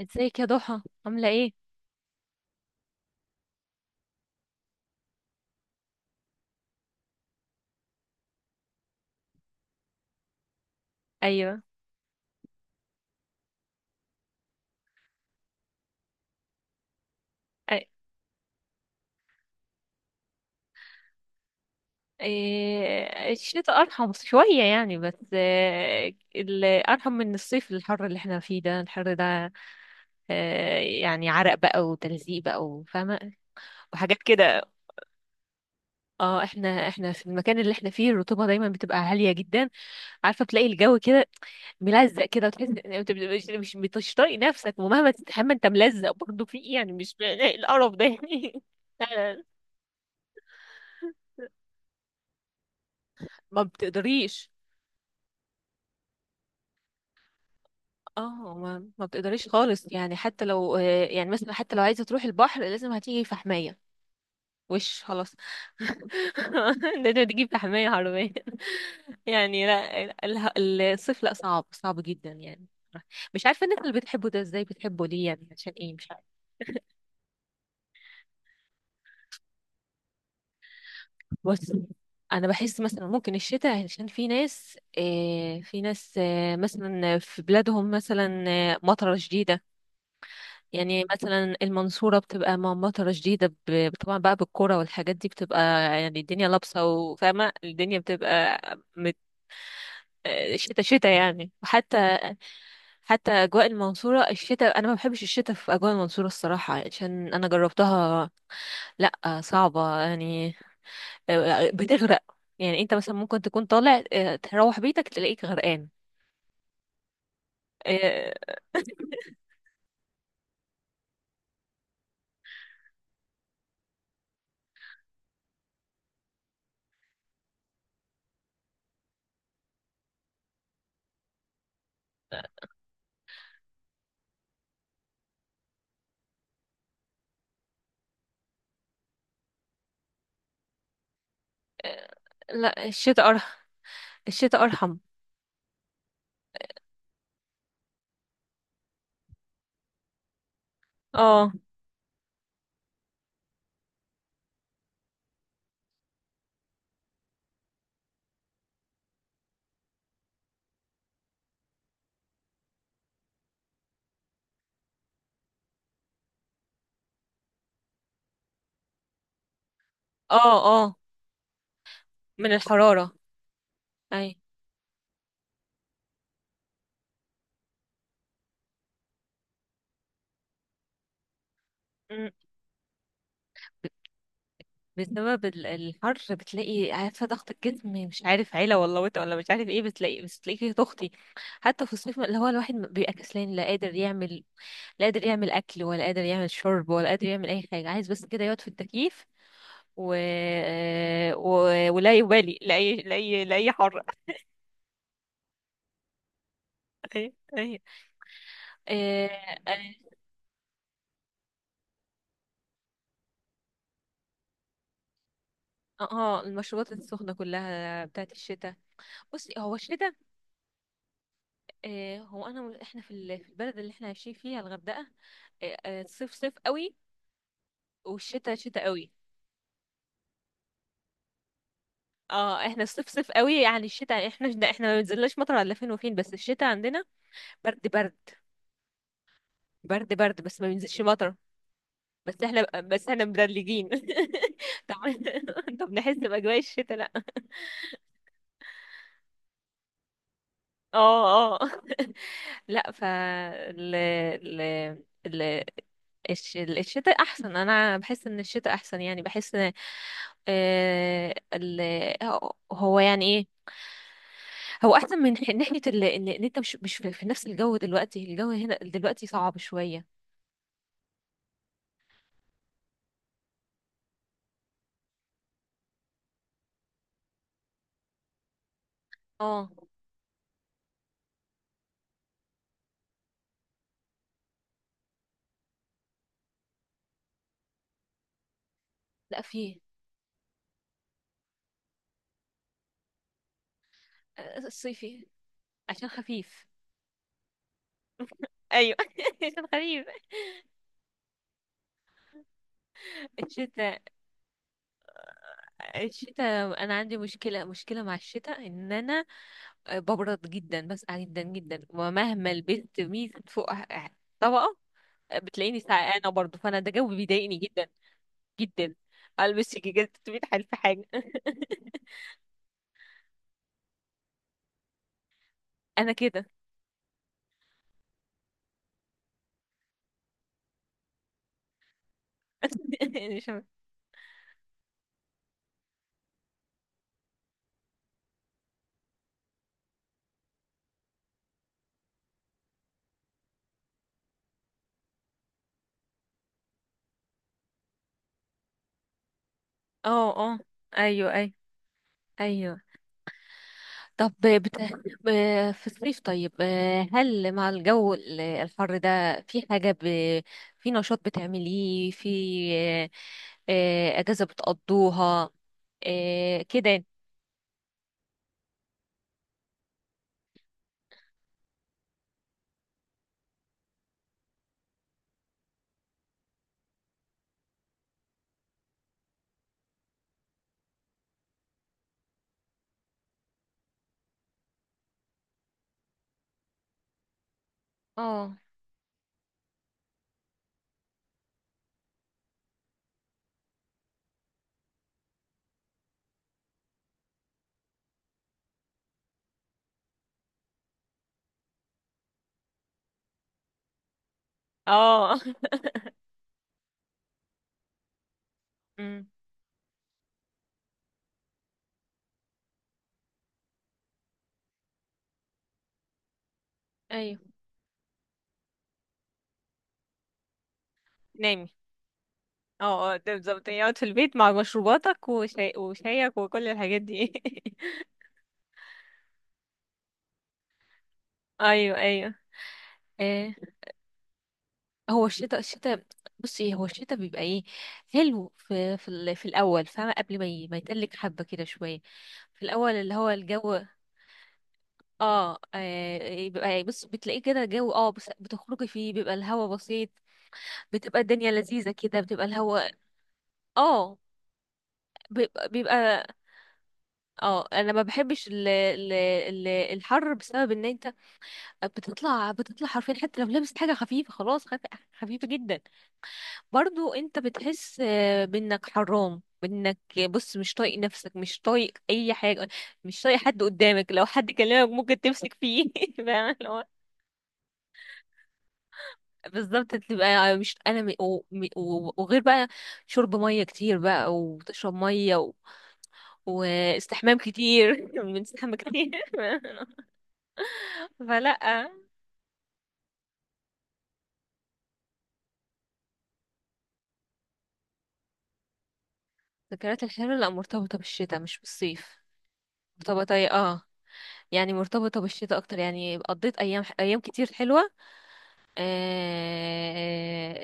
ازيك يا ضحى عاملة ايه؟ ايوه. أي- إيه، الشتاء ارحم شوية يعني، بس ارحم من الصيف الحر اللي احنا فيه ده، الحر ده. يعني عرق بقى وتلزيق بقى وفاهمة وحاجات كده. اه، احنا في المكان اللي احنا فيه الرطوبة دايما بتبقى عالية جدا. عارفة بتلاقي الجو كده ملزق كده، وتحس ان انت مش طايق نفسك، ومهما تستحمى انت ملزق برضه في ايه يعني، مش القرف ده يعني لا. لا، ما بتقدريش. اه، ما بتقدريش خالص، يعني حتى لو يعني مثلا حتى لو عايزه تروحي البحر لازم هتيجي في حمايه وش خلاص. لازم تجيب في حمايه حرفيا. يعني لا، الصيف لا، صعب صعب جدا يعني. مش عارفه الناس اللي بتحبوا ده ازاي، بتحبوا ليه يعني، عشان ايه مش عارفه. بس انا بحس مثلا ممكن الشتاء، عشان في ناس مثلا في بلادهم مثلا مطره شديده. يعني مثلا المنصورة بتبقى مع مطرة شديدة، طبعا بقى بالكرة والحاجات دي بتبقى، يعني الدنيا لابسة وفاهمة الدنيا بتبقى مت... شتا شتا يعني. وحتى أجواء المنصورة الشتاء، أنا ما بحبش الشتاء في أجواء المنصورة الصراحة، عشان أنا جربتها. لأ صعبة يعني، بتغرق. يعني أنت مثلا ممكن تكون طالع تروح بيتك تلاقيك غرقان. لا، الشتاء أرحم، الشتاء أرحم. اه، اه، اه، من الحرارة، اي. مم. بسبب الحر بتلاقي، عارفة، ضغط الجسم، مش عارف عيلة ولا وطء ولا مش عارف ايه، بتلاقي بس تلاقي تخطي. حتى في الصيف اللي هو الواحد بيبقى كسلان، لا قادر يعمل أكل ولا قادر يعمل شرب ولا قادر يعمل أي حاجة، عايز بس كده يقعد في التكييف و... و... ولا يبالي لأي حر. أي، أي، اه. المشروبات السخنة كلها بتاعت الشتاء. بصي، هو الشتاء، احنا في في البلد اللي احنا عايشين فيها الغردقه، صيف صيف قوي، والشتاء شتاء قوي. اه، احنا الصيف صيف قوي، يعني الشتاء احنا ما بنزلناش مطر الا فين وفين، بس الشتاء عندنا برد برد، برد برد، بس ما بينزلش مطر. بس احنا، بس احنا مدلجين. طب طب نحس باجواء الشتاء لا. اه اه. لا، ف ال ال ال الش- الشتاء احسن، انا بحس ان الشتاء احسن يعني، بحس ان آه، ال هو يعني ايه، هو احسن من ناحيه ال- ان إن انت مش في نفس الجو دلوقتي. الجو هنا دلوقتي صعب شويه. اه. لا، فيه الصيفي عشان خفيف. ايوه عشان خفيف. الشتاء الشتاء، انا عندي مشكله مع الشتاء، ان انا ببرد جدا، بسقع جدا جدا، ومهما لبست ميزة فوق طبقة بتلاقيني سقعانة برضو. فأنا ده جو بيضايقني جدا جدا، ألبس جيجات 300 ألف حاجة. أنا كده. مش عارفة. اه، اه، أيوه، أيوه، أيوه. طب في الصيف طيب، هل مع الجو الحر ده في حاجة في نشاط بتعمليه في آه، آه، أجازة بتقضوها، كده يعني. اه، اه. امم. ايوه، نامي. اه، اه، ده بالظبط، يقعد في البيت مع مشروباتك وشاي وشايك وكل الحاجات دي. ايوه، ايوه، آه. هو الشتاء. بصي، هو الشتاء بيبقى ايه؟ حلو في في الاول فاهمه، قبل ما يتقلك، حبه كده شويه في الاول، اللي هو الجو اه, آه بيبقى بص، بتلاقيه كده جو، بس بتخرجي فيه بيبقى الهوا بسيط، بتبقى الدنيا لذيذه كده، بتبقى الهوا اه بيبقى. اه انا ما بحبش ال ال ال الحر، بسبب ان انت بتطلع حرفيا، حتى لو لابس حاجه خفيفه خلاص، خفيفه جدا برضو انت بتحس بانك حرام، بانك بص مش طايق نفسك، مش طايق اي حاجه، مش طايق حد قدامك، لو حد كلمك ممكن تمسك فيه. فاهم اللي هو بالظبط، تبقى مش انا وغير بقى شرب ميه كتير بقى، وتشرب ميه واستحمام كتير. بنستحمى كتير. فلا. ذكريات الحلوة لا، مرتبطة بالشتاء مش بالصيف، مرتبطة، يعني مرتبطة بالشتاء أكتر، يعني قضيت أيام، أيام كتير حلوة. آه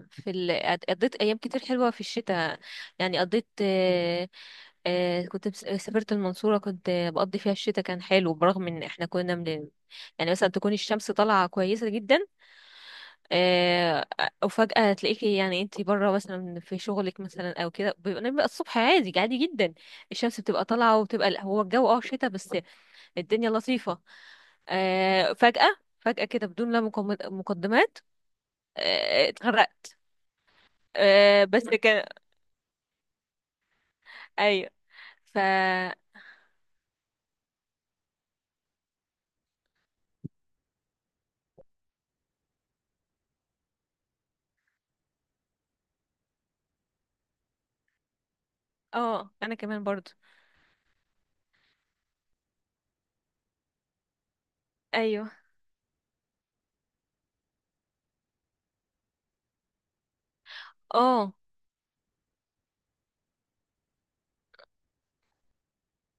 في قضيت أيام كتير حلوة في الشتاء، يعني قضيت، كنت سافرت المنصورة، كنت بقضي فيها الشتاء، كان حلو، برغم إن إحنا كنا من، يعني مثلا تكون الشمس طالعة كويسة جدا، آه، وفجأة تلاقيكي يعني انتي بره مثلا في شغلك مثلا او كده، بيبقى الصبح عادي، عادي جدا، الشمس بتبقى طالعة، وبتبقى هو الجو، شتا، بس الدنيا لطيفة، فجأة فجأة كده، بدون لا مقدمات، اتغرقت. بس كان. ايوه. ف اه انا كمان برضو. ايوه، اه،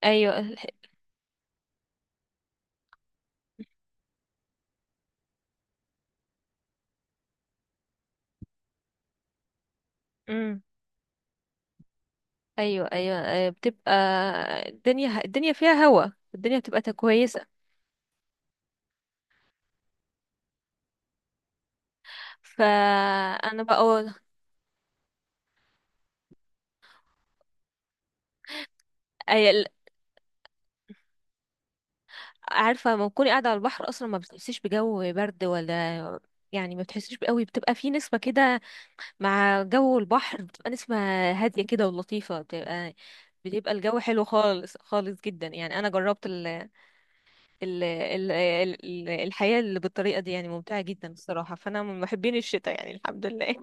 ايوه، امم. ايوه، ايوه، بتبقى، الدنيا فيها هوا، الدنيا بتبقى كويسة، فانا بقى، أي- ال- عارفه لما تكوني قاعده على البحر اصلا ما بتحسيش بجو برد ولا، يعني ما بتحسيش قوي، بتبقى في نسمه كده مع جو البحر، بتبقى نسمه هاديه كده ولطيفه، بتبقى الجو حلو خالص، خالص جدا. يعني انا جربت ال ال ال ال الحياه اللي بالطريقه دي، يعني ممتعه جدا الصراحه، فانا من محبين الشتاء يعني، الحمد لله.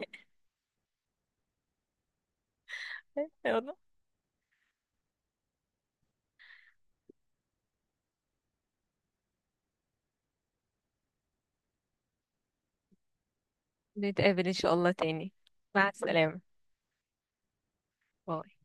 يلا، نتقابل ان شاء الله تاني. مع السلامه، باي.